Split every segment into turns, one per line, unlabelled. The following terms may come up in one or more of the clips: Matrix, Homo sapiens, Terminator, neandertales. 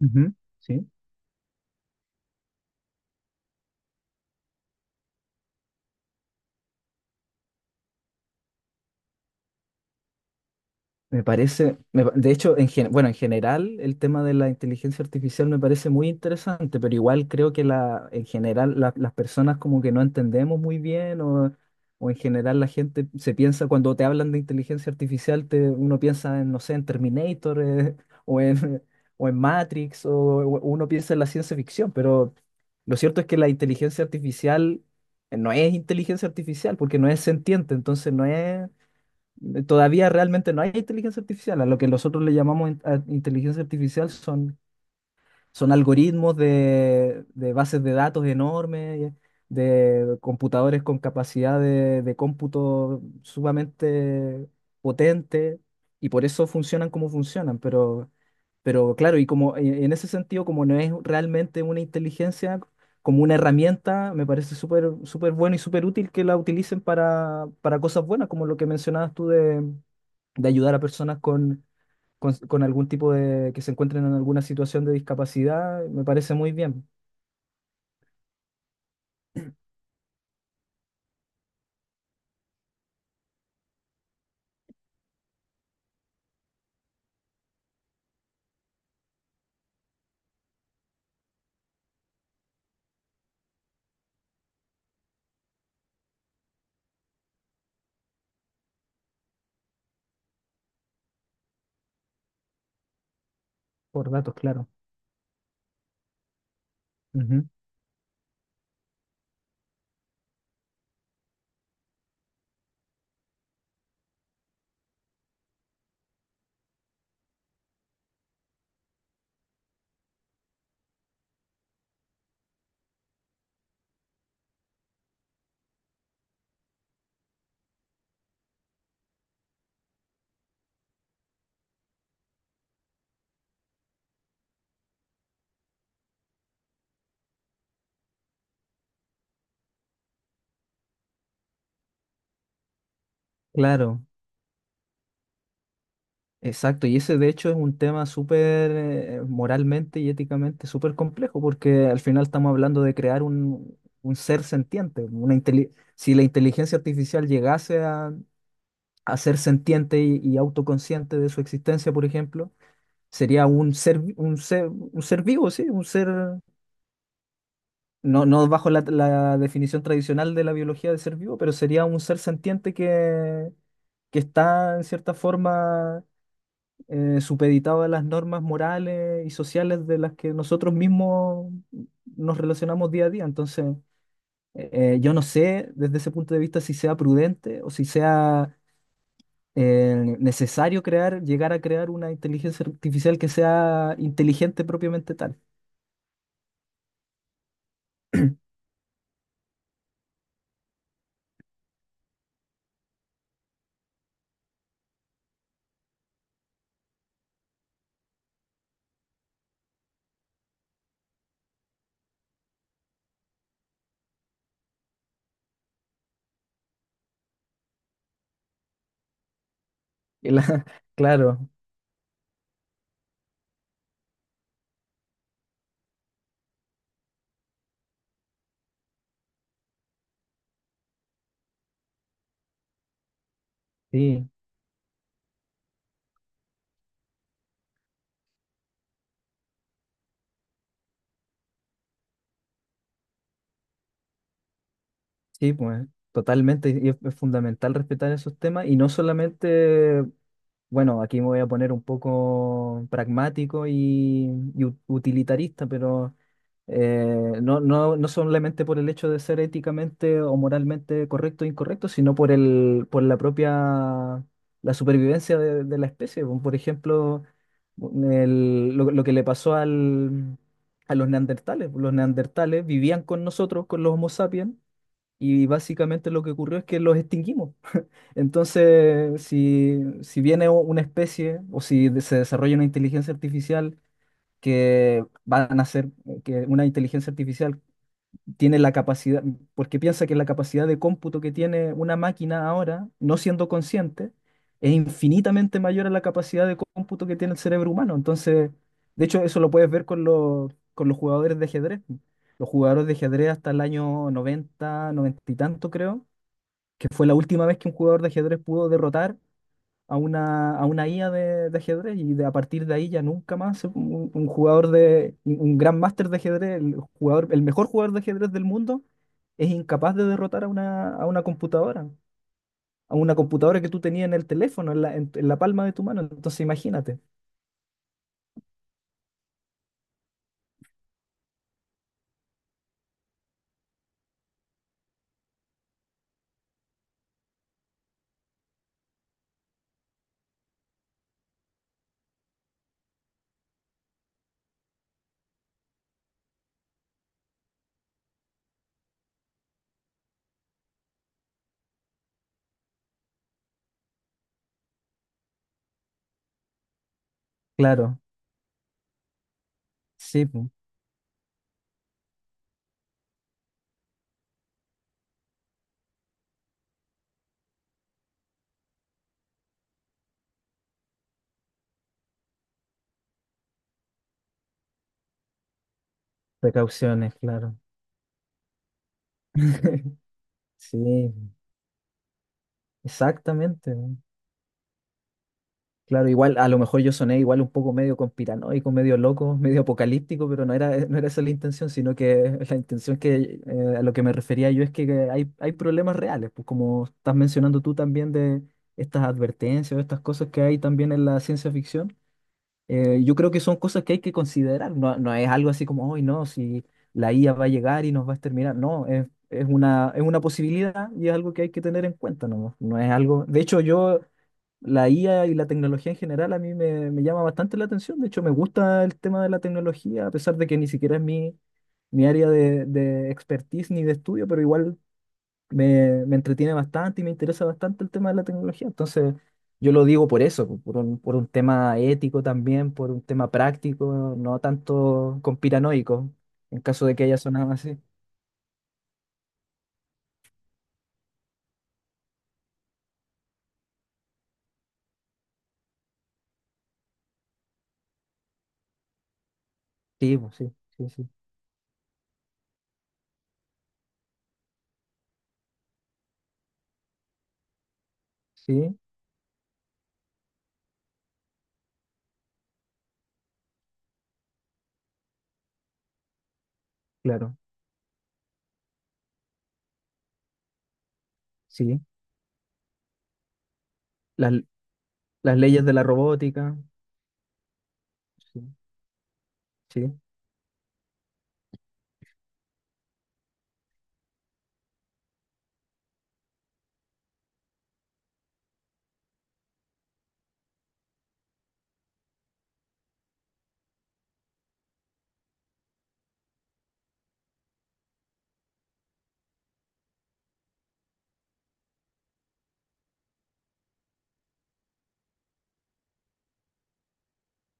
Ujú. Sí, me parece, de hecho, en general el tema de la inteligencia artificial me parece muy interesante, pero igual creo que en general las personas como que no entendemos muy bien, o en general la gente se piensa, cuando te hablan de inteligencia artificial, uno piensa en, no sé, en Terminator o en, o en Matrix , o uno piensa en la ciencia ficción, pero lo cierto es que la inteligencia artificial no es inteligencia artificial porque no es sentiente, entonces no es... Todavía realmente no hay inteligencia artificial. A lo que nosotros le llamamos inteligencia artificial son algoritmos de bases de datos enormes, de computadores con capacidad de cómputo sumamente potente, y por eso funcionan como funcionan. Pero claro, y como en ese sentido, como no es realmente una inteligencia, como una herramienta, me parece súper súper bueno y súper útil que la utilicen para cosas buenas, como lo que mencionabas tú de ayudar a personas con algún tipo que se encuentren en alguna situación de discapacidad, me parece muy bien. Por datos, claro. Ujú. Claro, exacto. Y ese de hecho es un tema súper moralmente y éticamente súper complejo, porque al final estamos hablando de crear un ser sentiente. Si la inteligencia artificial llegase a ser sentiente y autoconsciente de su existencia, por ejemplo, sería un un un ser vivo, sí, un ser no bajo la definición tradicional de la biología de ser vivo, pero sería un ser sentiente que está en cierta forma supeditado a las normas morales y sociales de las que nosotros mismos nos relacionamos día a día. Entonces, yo no sé desde ese punto de vista si sea prudente o si sea necesario crear, llegar a crear una inteligencia artificial que sea inteligente propiamente tal. Y la- claro, sí. Sí, pues totalmente, y es fundamental respetar esos temas y no solamente, bueno, aquí me voy a poner un poco pragmático y utilitarista, pero no solamente por el hecho de ser éticamente o moralmente correcto o incorrecto, sino por por la propia, la supervivencia de la especie. Bueno, por ejemplo, lo que le pasó a los neandertales. Los neandertales vivían con nosotros, con los Homo sapiens, y básicamente lo que ocurrió es que los extinguimos. Entonces, si viene una especie o si se desarrolla una inteligencia artificial que van a ser, que una inteligencia artificial tiene la capacidad, porque piensa que la capacidad de cómputo que tiene una máquina ahora, no siendo consciente, es infinitamente mayor a la capacidad de cómputo que tiene el cerebro humano. Entonces, de hecho, eso lo puedes ver con con los jugadores de ajedrez. Los jugadores de ajedrez hasta el año 90 90 y tanto, creo que fue la última vez que un jugador de ajedrez pudo derrotar a a una IA de ajedrez a partir de ahí ya nunca más un un gran máster de ajedrez, el mejor jugador de ajedrez del mundo, es incapaz de derrotar a a una computadora que tú tenías en el teléfono, en en la palma de tu mano. Entonces, imagínate. Claro, sí, po. Precauciones, claro. Sí, exactamente. Claro, igual a lo mejor yo soné igual un poco medio conspiranoico, medio loco, medio apocalíptico, pero no no era esa la intención, sino que la intención que a lo que me refería yo es que hay, hay problemas reales, pues como estás mencionando tú también de estas advertencias o estas cosas que hay también en la ciencia ficción. Yo creo que son cosas que hay que considerar, no, no es algo así como, hoy no, si la IA va a llegar y nos va a exterminar. No, es una posibilidad y es algo que hay que tener en cuenta. No, no es algo, de hecho yo, la IA y la tecnología en general a mí me llama bastante la atención. De hecho me gusta el tema de la tecnología, a pesar de que ni siquiera es mi, mi área de expertise ni de estudio, pero igual me entretiene bastante y me interesa bastante el tema de la tecnología. Entonces, yo lo digo por eso, por por un tema ético también, por un tema práctico, no tanto conspiranoico, en caso de que haya sonado así. Sí, pues, sí, sí, sí, sí, claro, sí. Las, las leyes de la robótica, sí, sí,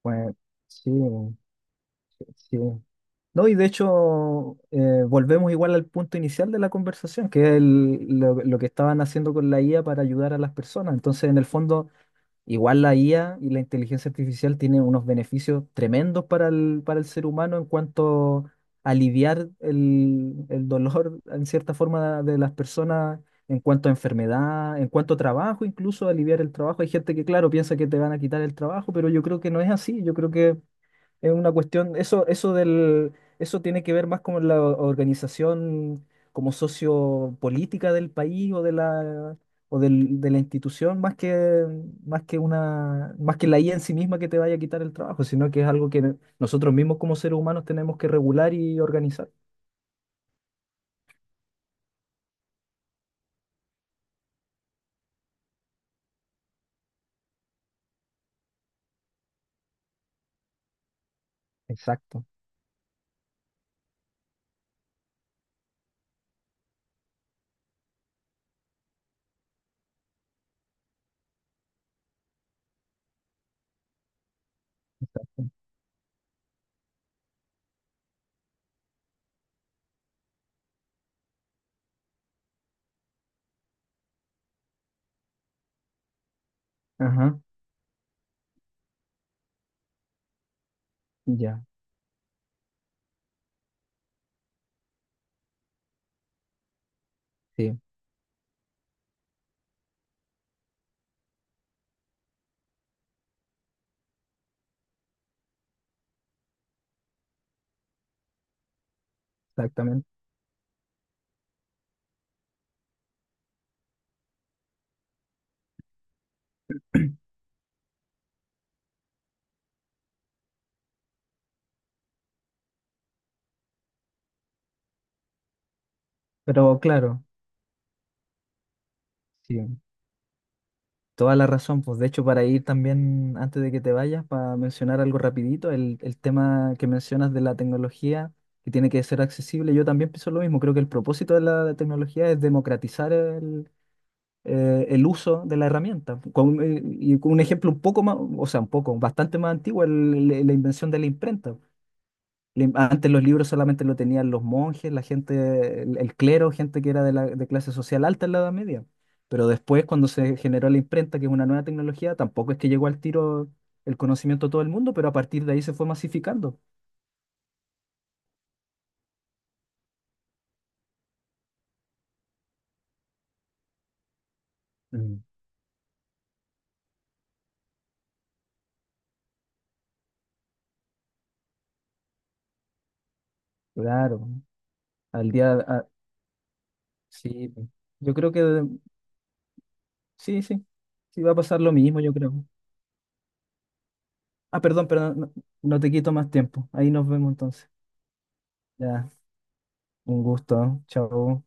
pues, sí, sí. No, y de hecho, volvemos igual al punto inicial de la conversación, que es lo que estaban haciendo con la IA para ayudar a las personas. Entonces, en el fondo, igual la IA y la inteligencia artificial tienen unos beneficios tremendos para para el ser humano en cuanto a aliviar el dolor, en cierta forma, de las personas, en cuanto a enfermedad, en cuanto a trabajo, incluso aliviar el trabajo. Hay gente que, claro, piensa que te van a quitar el trabajo, pero yo creo que no es así. Yo creo que es una cuestión, eso tiene que ver más con la organización como sociopolítica del país o de de la institución, más que más que la IA en sí misma que te vaya a quitar el trabajo, sino que es algo que nosotros mismos como seres humanos tenemos que regular y organizar. Exacto. Ajá, ya, sí, exactamente. Pero claro, sí. Toda la razón, pues de hecho para ir también, antes de que te vayas, para mencionar algo rapidito, el tema que mencionas de la tecnología, que tiene que ser accesible, yo también pienso lo mismo, creo que el propósito de la tecnología es democratizar el uso de la herramienta. Con, y con un ejemplo un poco más, o sea, un poco, bastante más antiguo, la invención de la imprenta. Antes los libros solamente lo tenían los monjes, la gente, el clero, gente que era de clase social alta en la Edad Media. Pero después, cuando se generó la imprenta, que es una nueva tecnología, tampoco es que llegó al tiro el conocimiento a todo el mundo, pero a partir de ahí se fue masificando. Mm. Claro, al día, a- sí, po. Yo creo que de- Sí, sí, sí va a pasar lo mismo, yo creo. Ah, perdón, perdón, no, no te quito más tiempo. Ahí nos vemos entonces. Ya, un gusto, ¿eh? Chao.